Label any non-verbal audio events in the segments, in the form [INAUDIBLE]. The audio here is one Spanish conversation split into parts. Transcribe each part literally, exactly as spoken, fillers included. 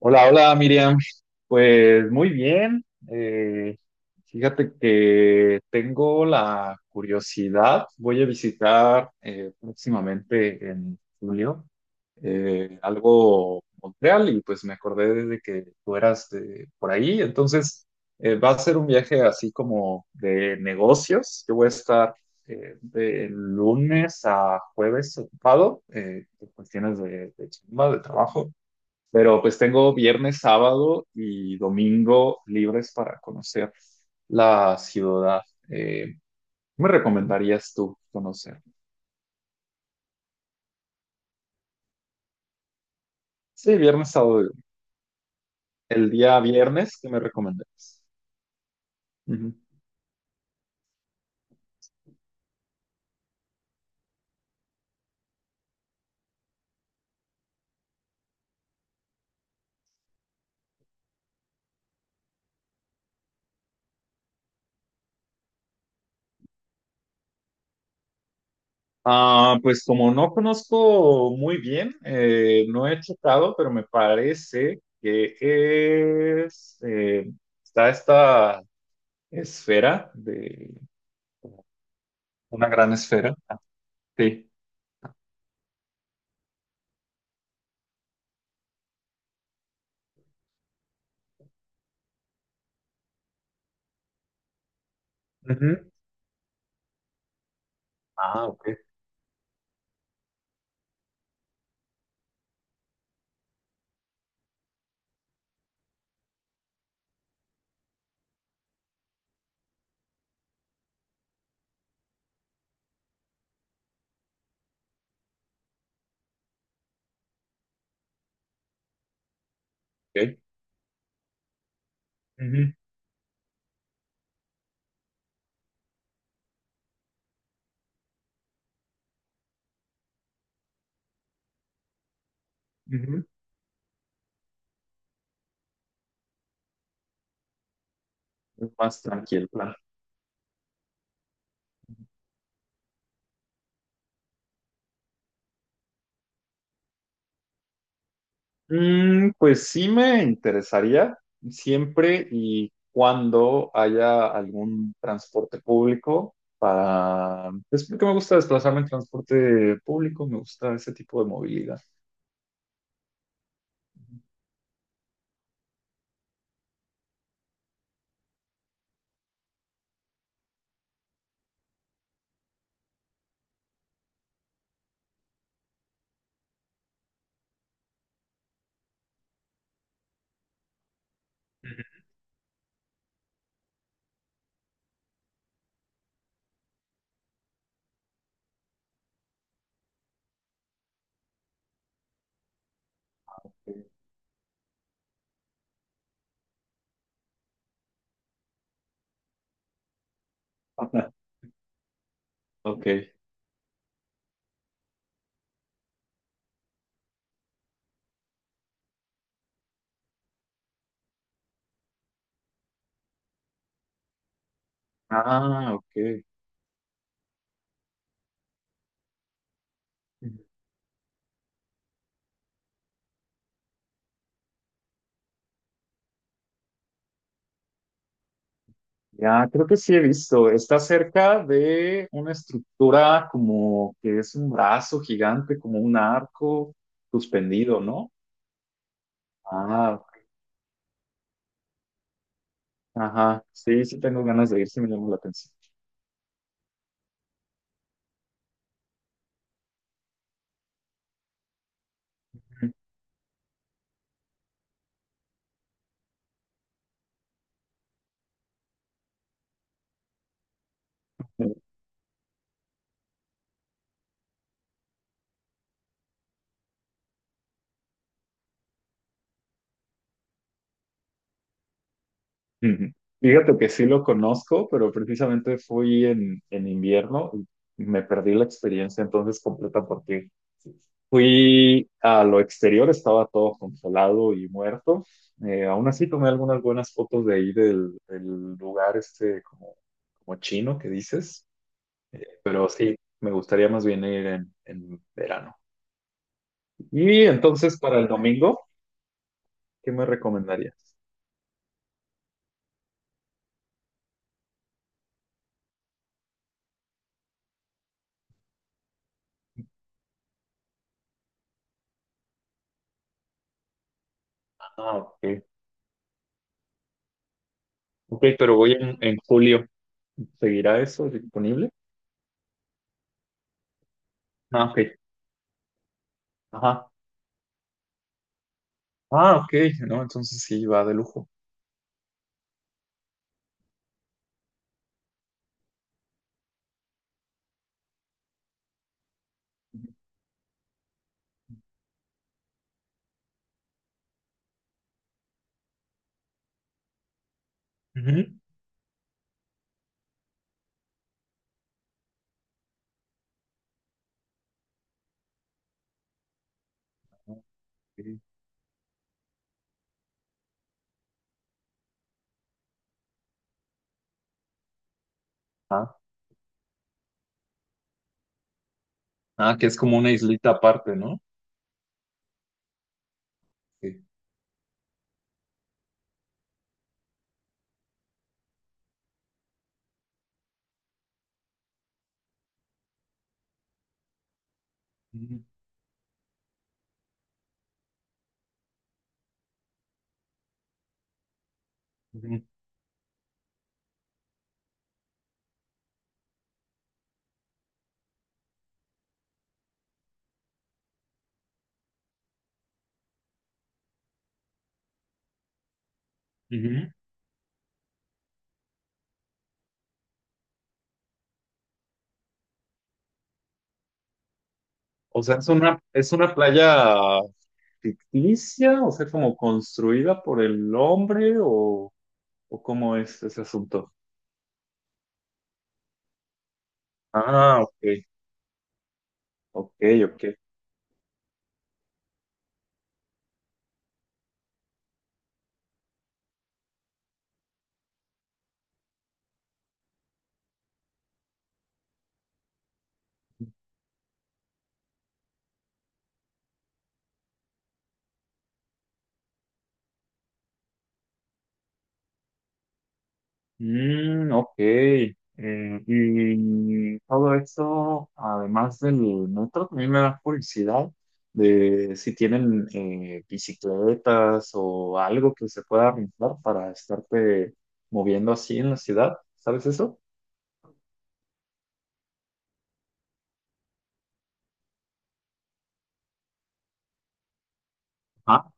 Hola, hola Miriam. Pues muy bien. Eh, Fíjate que tengo la curiosidad. Voy a visitar eh, próximamente en julio eh, algo Montreal y pues me acordé de que tú eras de por ahí. Entonces eh, va a ser un viaje así como de negocios. Yo voy a estar eh, de lunes a jueves ocupado eh, por cuestiones de, de chamba, de trabajo. Pero pues tengo viernes, sábado y domingo libres para conocer la ciudad. Eh, ¿Qué me recomendarías tú conocer? Sí, viernes, sábado. y domingo. El día viernes, ¿qué me recomendarías? Ujú. Ah, pues como no conozco muy bien, eh, no he checado, pero me parece que es, eh, está esta esfera de una gran esfera. Sí. Ujú. Ah, ok, ok. Ujú. Ujú. Es más tranquilo el plan. Mm, pues sí me interesaría, siempre y cuando haya algún transporte público para... Es porque me gusta desplazarme en transporte público, me gusta ese tipo de movilidad. [LAUGHS] Ajá. Ok. Ah, ok. Ya, creo que sí he visto. Está cerca de una estructura como que es un brazo gigante, como un arco suspendido, ¿no? Ah, ajá, sí, sí tengo ganas de ir, sí me llamó la atención. Ujú. Ujú. Fíjate que sí lo conozco, pero precisamente fui en, en invierno y me perdí la experiencia entonces completa porque fui a lo exterior, estaba todo congelado y muerto. Eh, aún así tomé algunas buenas fotos de ahí del, del lugar este como, como chino que dices, pero sí, me gustaría más bien ir en, en verano. Y entonces para el domingo, ¿qué me recomendarías? Ah, ok. Ok, pero voy en, en julio. ¿Seguirá eso disponible? Ah, ok. Ajá. Ah, ok. No, entonces sí, va de lujo. Ujú. Ok. Ah, ah, que es como una islita aparte, ¿no? Sí. Ujú, ujú, ujú. O sea, es una, es una playa ficticia, o sea, como construida por el hombre, o, o cómo es ese asunto. Ah, ok, ok, ok. Mm, ok. Eh, y todo esto, además del metro, también me da curiosidad de si tienen eh, bicicletas o algo que se pueda rentar para estarte moviendo así en la ciudad. ¿Sabes eso? Ah,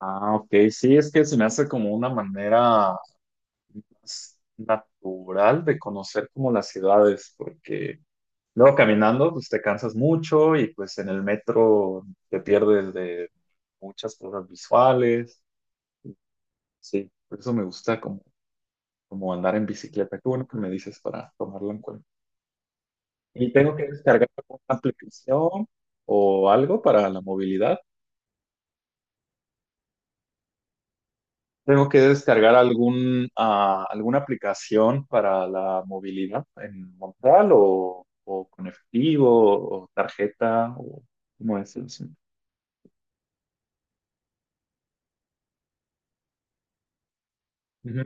ah, ok. Sí, es que se me hace como una manera más natural de conocer como las ciudades, porque luego caminando, pues te cansas mucho y pues en el metro te pierdes de muchas cosas visuales. Sí, por eso me gusta como, como andar en bicicleta. Qué bueno que me dices para tomarlo en cuenta. Y tengo que descargar alguna aplicación o algo para la movilidad. Tengo que descargar algún, ah, alguna aplicación para la movilidad en Montreal o, o con efectivo o tarjeta o ¿cómo es el asunto? Ujú.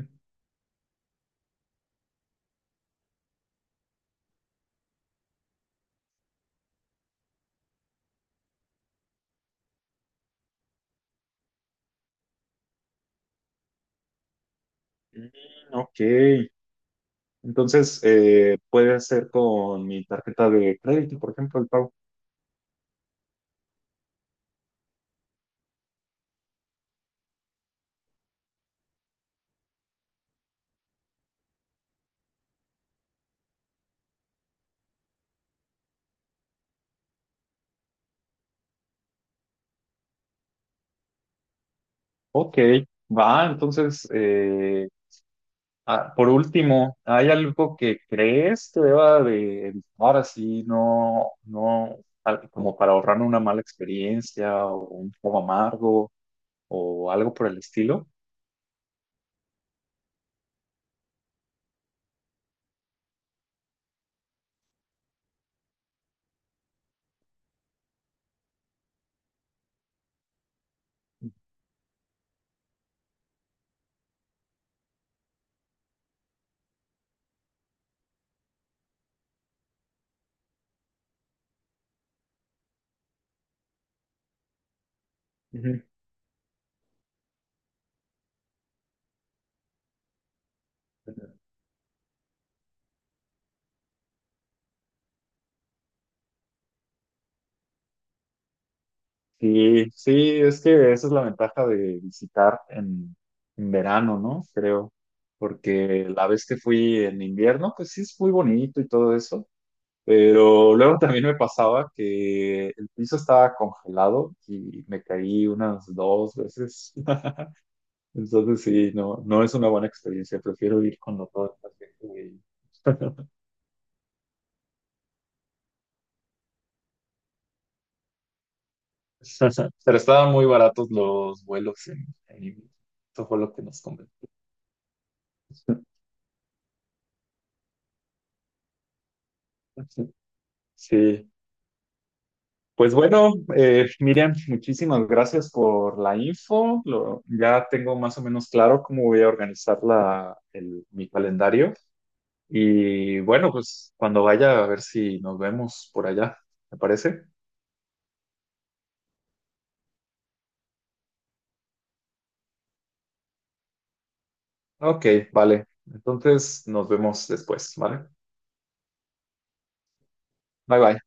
Mm, ok. Entonces, eh, puede hacer con mi tarjeta de crédito, por ejemplo, el pago. Ok, va, entonces, eh, ah, por último, ¿hay algo que crees que deba de evitar así, no, no, al- como para ahorrarme una mala experiencia o un poco amargo o algo por el estilo? Ujú. Sí, sí, es que esa es la ventaja de visitar en, en verano, ¿no? Creo, porque la vez que fui en invierno, pues sí es muy bonito y todo eso, pero luego también me pasaba que el piso estaba congelado y me caí unas dos veces. [LAUGHS] Entonces sí, no, no es una buena experiencia, prefiero ir cuando todo está seco y- [LAUGHS] Pero estaban muy baratos los vuelos en, en invierno. Eso fue lo que nos convenció. [LAUGHS] Sí, pues bueno, eh, Miriam, muchísimas gracias por la info. Lo- ya tengo más o menos claro cómo voy a organizar la, el- mi calendario. Y bueno, pues cuando vaya a ver si nos vemos por allá, ¿te parece? Ok, vale. Entonces nos vemos después, ¿vale? Bye bye.